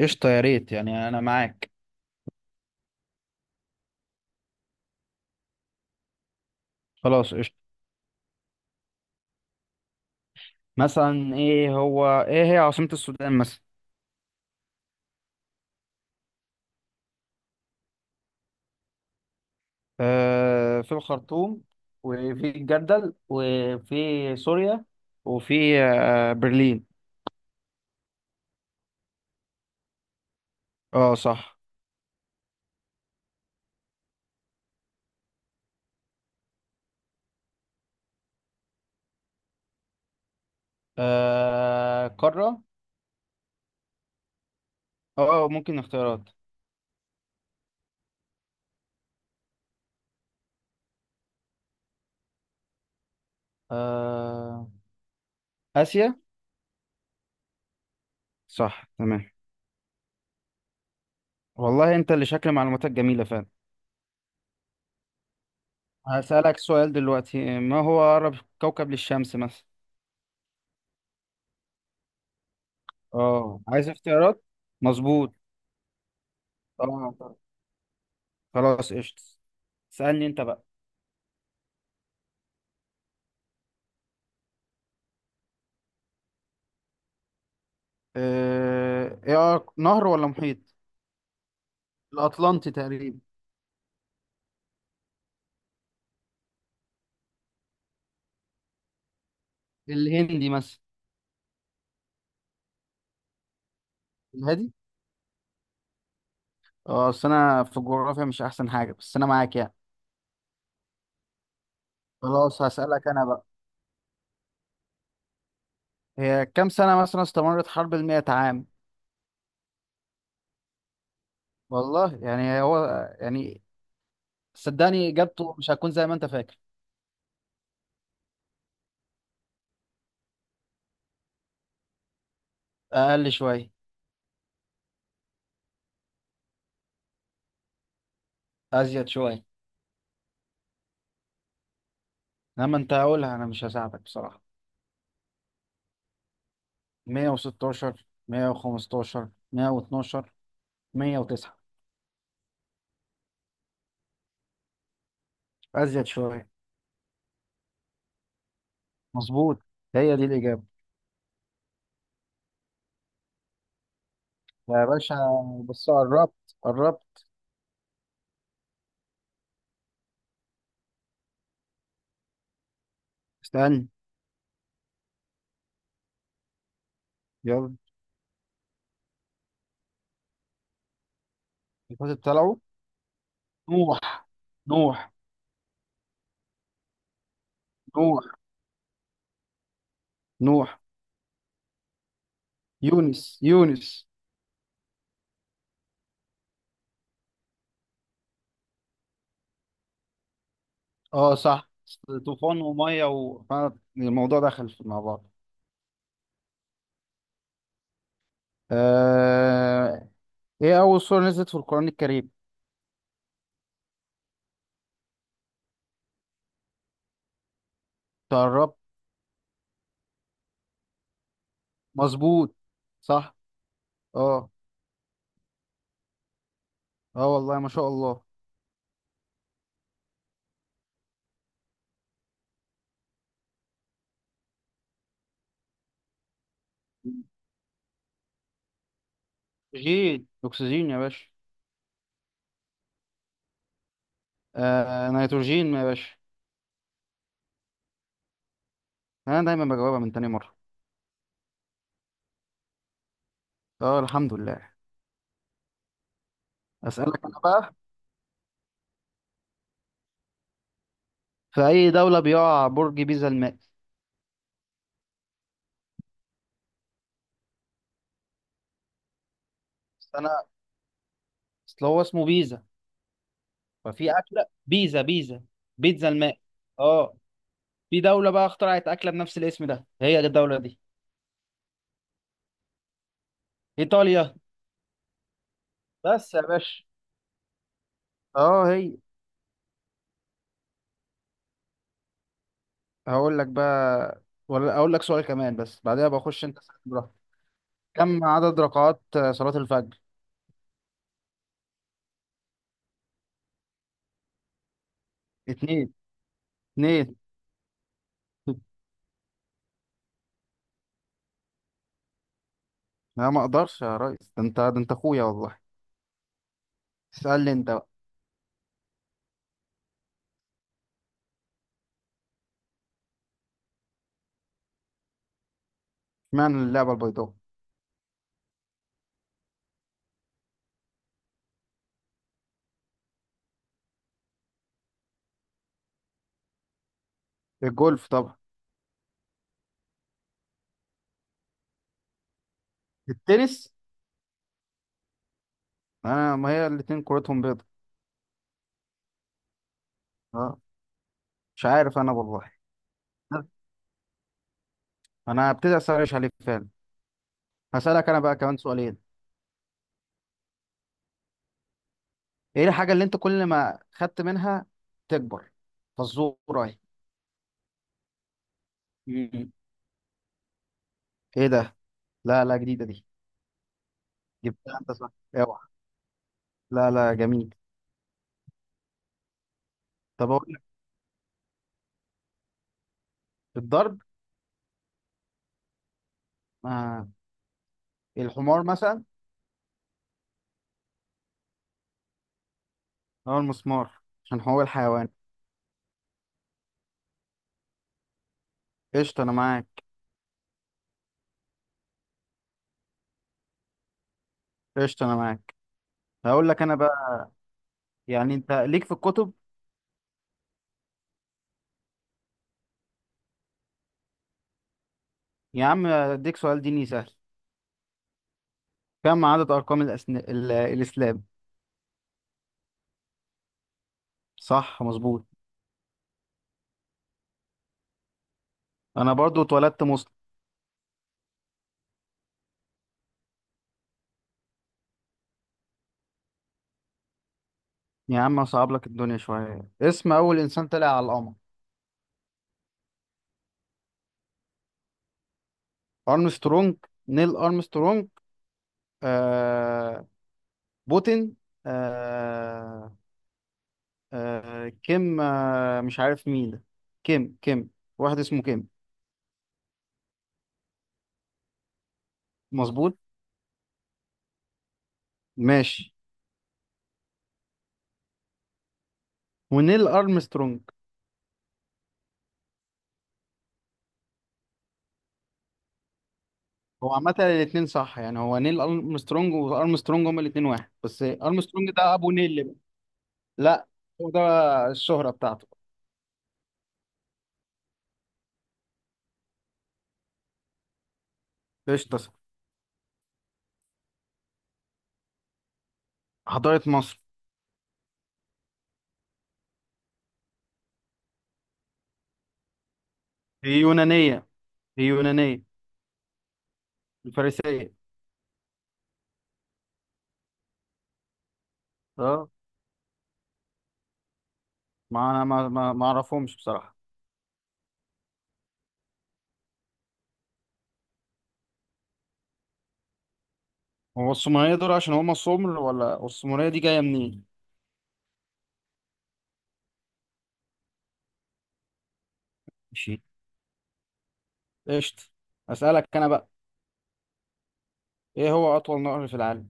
قشطة يا ريت يعني أنا معاك. خلاص قشطة. مثلا إيه هي عاصمة السودان مثلا؟ آه، في الخرطوم، وفي الجردل، وفي سوريا، وفي برلين. اه صح. آه، قارة. اه، ممكن اختيارات. آه، آسيا. صح تمام. والله أنت اللي شكل معلوماتك جميلة فعلا. هسألك سؤال دلوقتي، ما هو أقرب كوكب للشمس مثلا؟ اه عايز اختيارات. مظبوط. اه خلاص قشطة. اسألني انت بقى. ايه نهر ولا محيط؟ الأطلنطي تقريبا. الهندي مثلا. الهادي. اه، اصل انا في الجغرافيا مش احسن حاجة، بس انا معاك يعني. خلاص، هسألك انا بقى. هي كام سنة مثلا استمرت حرب المئة عام؟ والله يعني هو. يعني. صدقني اجابته مش هتكون زي ما انت فاكر. اقل شوية. ازيد شوية. لما انت هقولها انا مش هساعدك بصراحة. 116، 115، 112، 109. ازيد شوية. مظبوط. هي دي الإجابة. يا باشا بس قربت قربت. استنى. يلا. الفاتت طلعوا. نوح. نوح. نوح. نوح. يونس يونس. اه صح. طوفان ومية و... الموضوع دخل مع بعض. آه... ايه أول سورة نزلت في القرآن الكريم؟ تقربت. مظبوط. صح. اه. اه والله ما شاء الله. أكسجين أكسجين يا باشا. نيتروجين يا باشا. أنا دايما بجاوبها من تاني مرة. اه الحمد لله. أسألك أنا بقى. في أي دولة بيقع برج بيزا المائل؟ بس أنا. أصل هو اسمه بيزا. ففي أكلة بيزا بيزا. بيتزا الماء. أه. في دولة بقى اخترعت أكلة بنفس الاسم ده، هي دي الدولة دي. إيطاليا. بس يا باشا. أه هي. هقول لك بقى. ولا أقول لك سؤال كمان، بس بعدها بخش أنت اسأل براحتك. كم عدد ركعات صلاة الفجر؟ اتنين. اتنين. لا ما أقدرش يا ريس، ده أنت أخويا والله. اسألني أنت بقى. اشمعنى اللعبة البيضاء؟ الجولف طبعا. التنس. انا ما هي الاتنين كورتهم بيضة. اه. مش عارف انا والله. انا هبتدي اسرش عليك فعلا. هسألك انا بقى كمان سؤالين. ايه الحاجة اللي انت كل ما خدت منها تكبر؟ فزورة. اهي. مم. ايه ده؟ لا، لا جديدة دي. جبتها انت صح. اوعى. لا، لا جميل. طب اقول لك. الضرب. آه. الحمار مثلا. او المسمار. عشان هو الحيوان. قشطة انا معاك. قشطة انا معاك. هقول لك انا بقى. يعني انت ليك في الكتب. يا عم اديك سؤال ديني سهل. كم عدد ارقام الاسلام؟ صح مظبوط. انا برضو اتولدت مسلم. يا عم اصعب لك الدنيا شويه، اسم اول انسان طلع على القمر. ارمسترونج. نيل ارمسترونج. آه، بوتين. آه كيم. مش عارف مين ده. كيم كيم. واحد اسمه كيم. مظبوط. ماشي. ونيل ارمسترونج. هو عامه الاثنين صح، يعني هو نيل ارمسترونج وارمسترونج هما الاثنين واحد، بس ارمسترونج ده ابو نيل بقى. لا. هو ده الشهره بتاعته. قشطه. حضاره مصر. هي يونانية. هي يونانية. الفارسية. اه، ما انا ما اعرفهمش بصراحة. هو السومرية دول عشان هما سمر، ولا السومرية دي جاية منين؟ ماشي. قشطة. اسألك انا بقى. ايه هو اطول نهر في العالم؟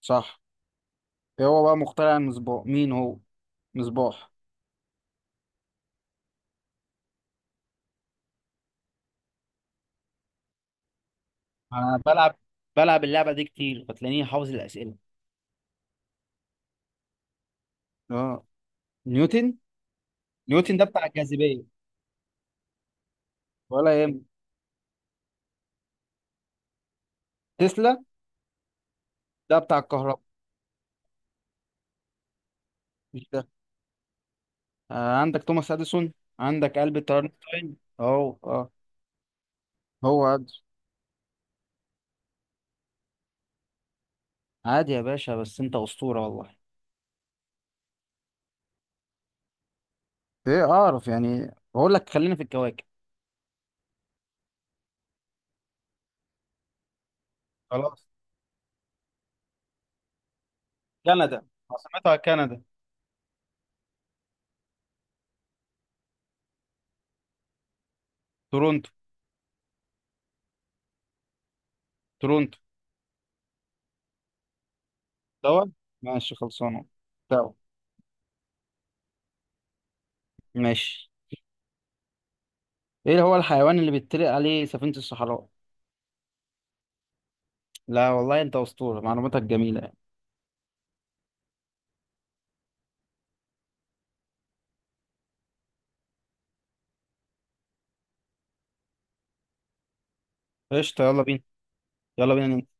صح. ايه هو بقى مخترع المصباح، مين هو؟ مصباح. انا بلعب اللعبة دي كتير، فتلاقيني حافظ الأسئلة. اه نيوتن. نيوتن ده بتاع الجاذبية. ولا يهم. تسلا. ده بتاع الكهرباء. مش ده. عندك توماس اديسون. عندك ألبرت اينشتاين اهو. اه. هو. عادي. عادي يا باشا، بس انت اسطوره والله. ايه اعرف يعني، بقول لك خلينا في الكواكب. خلاص. كندا عاصمتها كندا. تورونتو. تورونتو. دول. ماشي خلصانه. تمام. ماشي. ايه هو الحيوان اللي بيتطلق عليه سفينه الصحراء؟ لا والله انت اسطوره، معلوماتك جميله يعني. قشطه يلا بينا. يلا بينا.